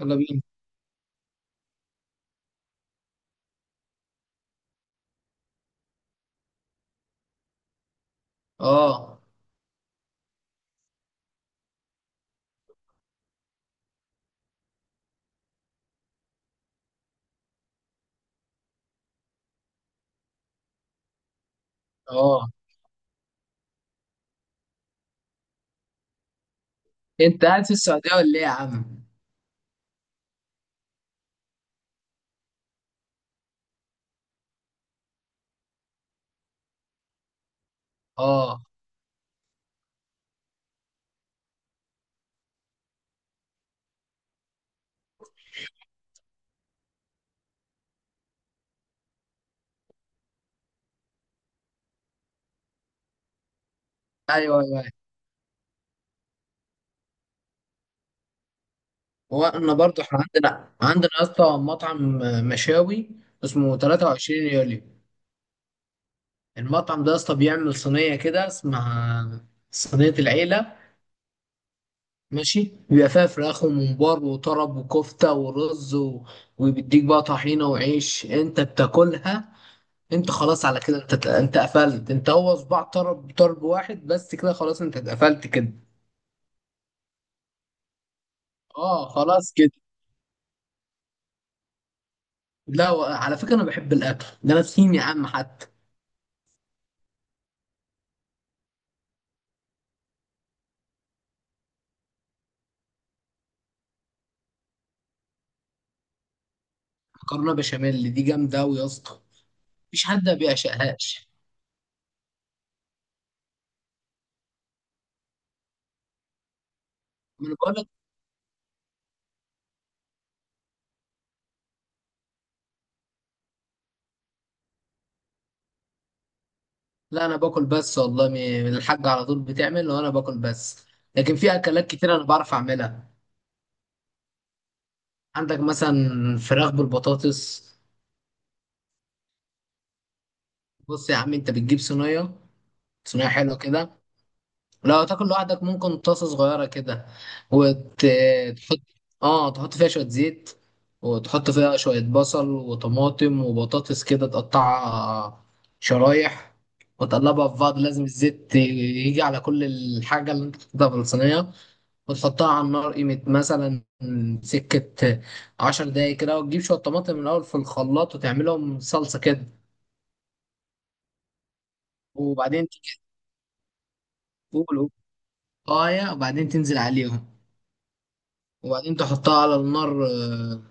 يلا بينا. اه، اه، انت قاعد في السعوديه ولا ايه يا عم؟ اه، ايوه، ايوه. وانا برضو احنا عندنا يا اسطى مطعم مشاوي اسمه 23 يوليو. المطعم ده يا اسطى بيعمل صينيه كده اسمها صينيه العيله. ماشي، بيبقى فيها فراخ وممبار وطرب وكفته ورز و... وبيديك بقى طحينه وعيش انت بتاكلها. انت خلاص على كده، انت قفلت، انت هو صباع طرب طرب واحد بس، كده خلاص انت اتقفلت كده. اه، خلاص كده. لا و- على فكره انا بحب الاكل ده، انا تخين يا عم حتى. مكرونه بشاميل دي جامده قوي يا اسطى، مفيش حد ما بيعشقهاش. ما انا بقول لك. لا، انا باكل بس والله. الحاجه على طول بتعمل وانا باكل بس، لكن في اكلات كتير انا بعرف اعملها. عندك مثلا فراخ بالبطاطس. بص يا عم، انت بتجيب صينيه، صينيه حلوه كده. لو تاكل لوحدك ممكن طاسة صغيرة كده، وتحط، اه، تحط فيها شوية زيت، وتحط فيها شوية بصل وطماطم وبطاطس كده تقطعها شرايح، وتقلبها في بعض. لازم الزيت يجي على كل الحاجة اللي انت حطيتها في الصينية، وتحطها على النار قيمة مثلا سكة 10 دقايق كده، وتجيب شوية طماطم من الأول في الخلاط وتعملهم صلصة كده. وبعدين تيجي تقول، وبعدين تنزل عليهم. وبعدين تحطها على النار، آه،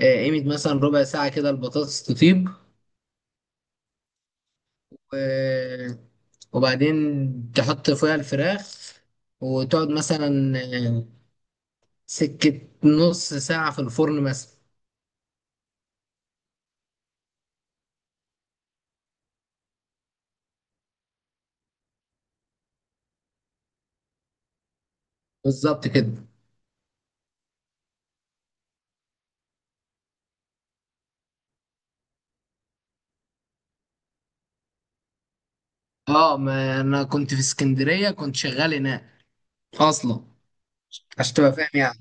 آه، قيمة مثلا ربع ساعة كده البطاطس تطيب. و- وبعدين تحط فيها الفراخ وتقعد مثلا، آه، سكة نص ساعة في الفرن مثلا. بالظبط كده. اه، ما انا كنت في اسكندرية كنت شغال هناك اصلا، عشان تبقى فاهم يعني.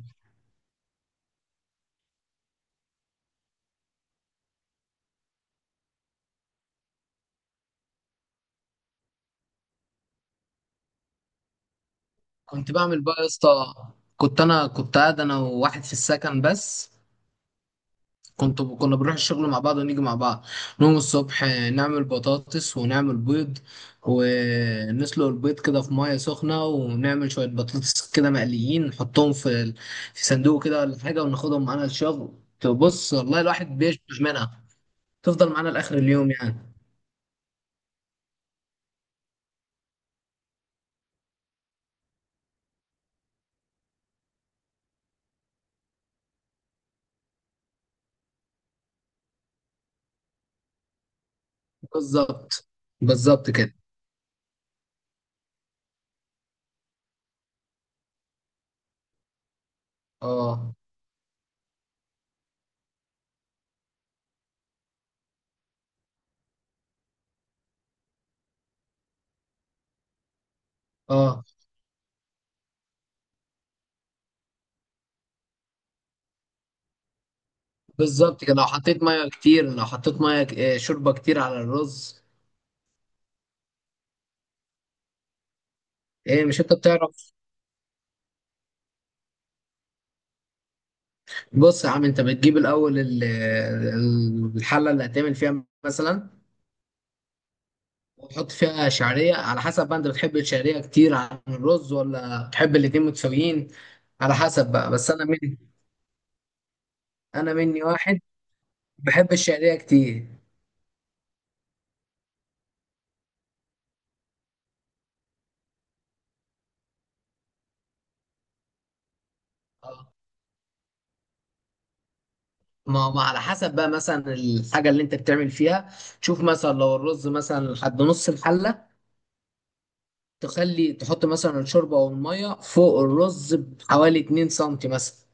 كنت بعمل بقى يا اسطى، كنت انا قاعد انا وواحد في السكن بس. كنا بنروح الشغل مع بعض ونيجي مع بعض. نقوم الصبح، نعمل بطاطس ونعمل بيض، ونسلق البيض كده في ميه سخنه، ونعمل شويه بطاطس كده مقليين نحطهم في في صندوق كده ولا حاجه، وناخدهم معانا الشغل. تبص والله الواحد بيشبع منها، تفضل معانا لاخر اليوم يعني. بالظبط، بالظبط كده. اه، اه، بالظبط كده. لو حطيت ميه كتير، لو حطيت ميه شوربه كتير على الرز. ايه، مش انت بتعرف؟ بص يا عم، انت بتجيب الاول الحله اللي هتعمل فيها مثلا، وتحط فيها شعريه على حسب بقى. انت بتحب الشعريه كتير عن الرز ولا بتحب الاتنين متساويين؟ على حسب بقى. بس انا مني واحد، بحب الشعريه كتير. اه. ما على حسب بقى مثلا الحاجه اللي انت بتعمل فيها. تشوف مثلا لو الرز مثلا لحد نص الحله، تخلي تحط مثلا الشوربه او الميه فوق الرز بحوالي 2 سم مثلا.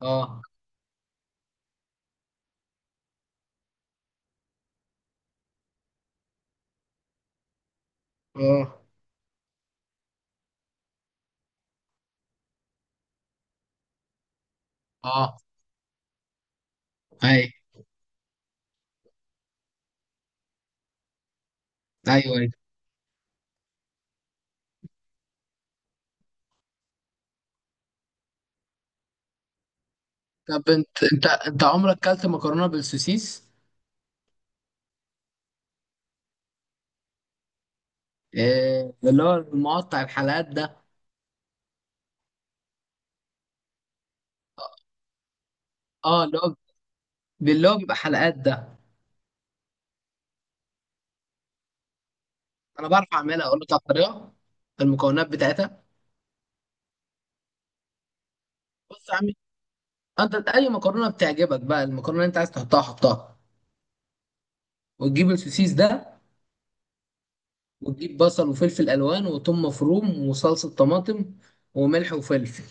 اه، اه، اه، اي، ايوه، ايوه. طب انت، انت عمرك كلت مكرونه بالسوسيس؟ إيه اللي هو المقطع الحلقات ده؟ اه، اللي هو، اللي هو بيبقى حلقات ده. انا بعرف اعملها، اقول لك على الطريقه، المكونات بتاعتها. بص يا عمي، انت اي مكرونه بتعجبك بقى، المكرونه اللي انت عايز تحطها حطها، وتجيب السوسيس ده، وتجيب بصل وفلفل الوان وثوم مفروم وصلصه طماطم وملح وفلفل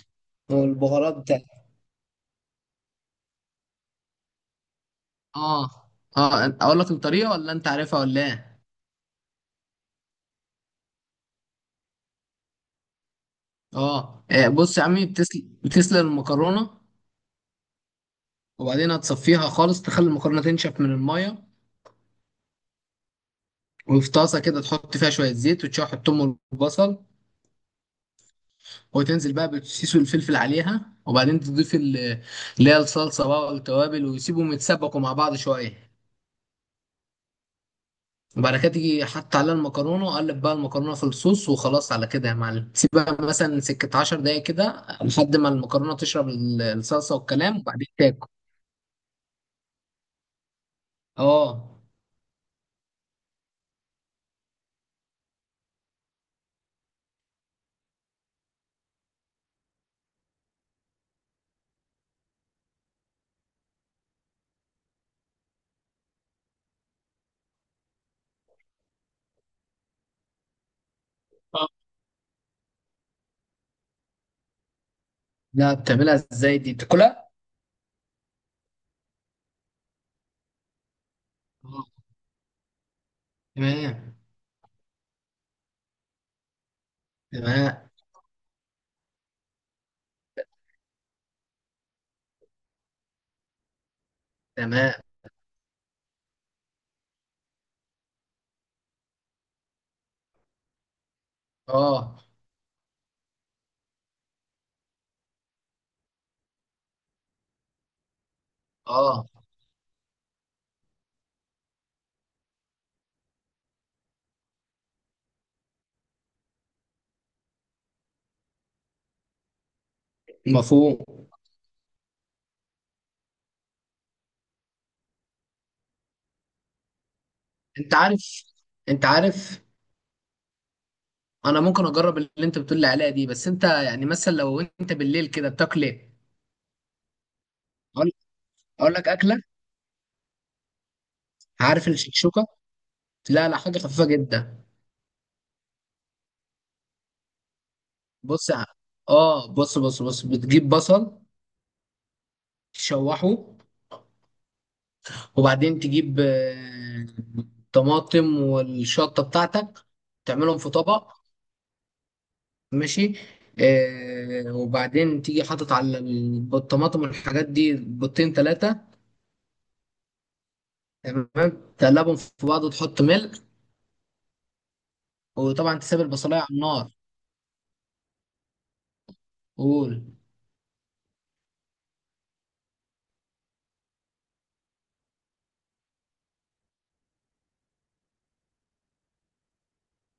والبهارات بتاعتك. اه، اه، اقول لك الطريقه ولا انت عارفها ولا ايه؟ اه، بص يا عمي، بتسلق المكرونه، وبعدين هتصفيها خالص، تخلي المكرونه تنشف من الميه. وفي طاسه كده تحط فيها شويه زيت وتشوح الثوم والبصل، وتنزل بقى بالسيس والفلفل عليها، وبعدين تضيف اللي هي الصلصه بقى والتوابل، ويسيبهم يتسبكوا مع بعض شويه. وبعد كده تيجي حط عليها المكرونه، وقلب بقى المكرونه في الصوص، وخلاص على كده يا معلم. سيبها مثلا سكه 10 دقايق كده لحد ما المكرونه تشرب الصلصه والكلام، وبعدين تاكل. اه. لا، بتعملها ازاي دي بتاكلها؟ آه، تمام، تمام، تمام. اه، اه، مفهوم. انت عارف، انت عارف انا ممكن اجرب اللي انت بتقول لي عليها دي، بس انت يعني مثلا لو انت بالليل كده بتاكل ايه؟ اقول، أقول لك اكله. عارف الشكشوكه؟ لا لا، حاجه خفيفه جدا. بص يا، اه، بص، بص، بص، بتجيب بصل تشوحه. وبعدين تجيب، طماطم والشطه بتاعتك، تعملهم في طبق. ماشي، آه، وبعدين تيجي حاطط على الطماطم والحاجات دي بيضتين ثلاثة، تمام، تقلبهم في بعض وتحط ملح. وطبعا تسيب البصلاية على النار. قول،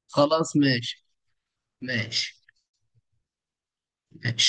خلاص ماشي، ماشي، ماشي.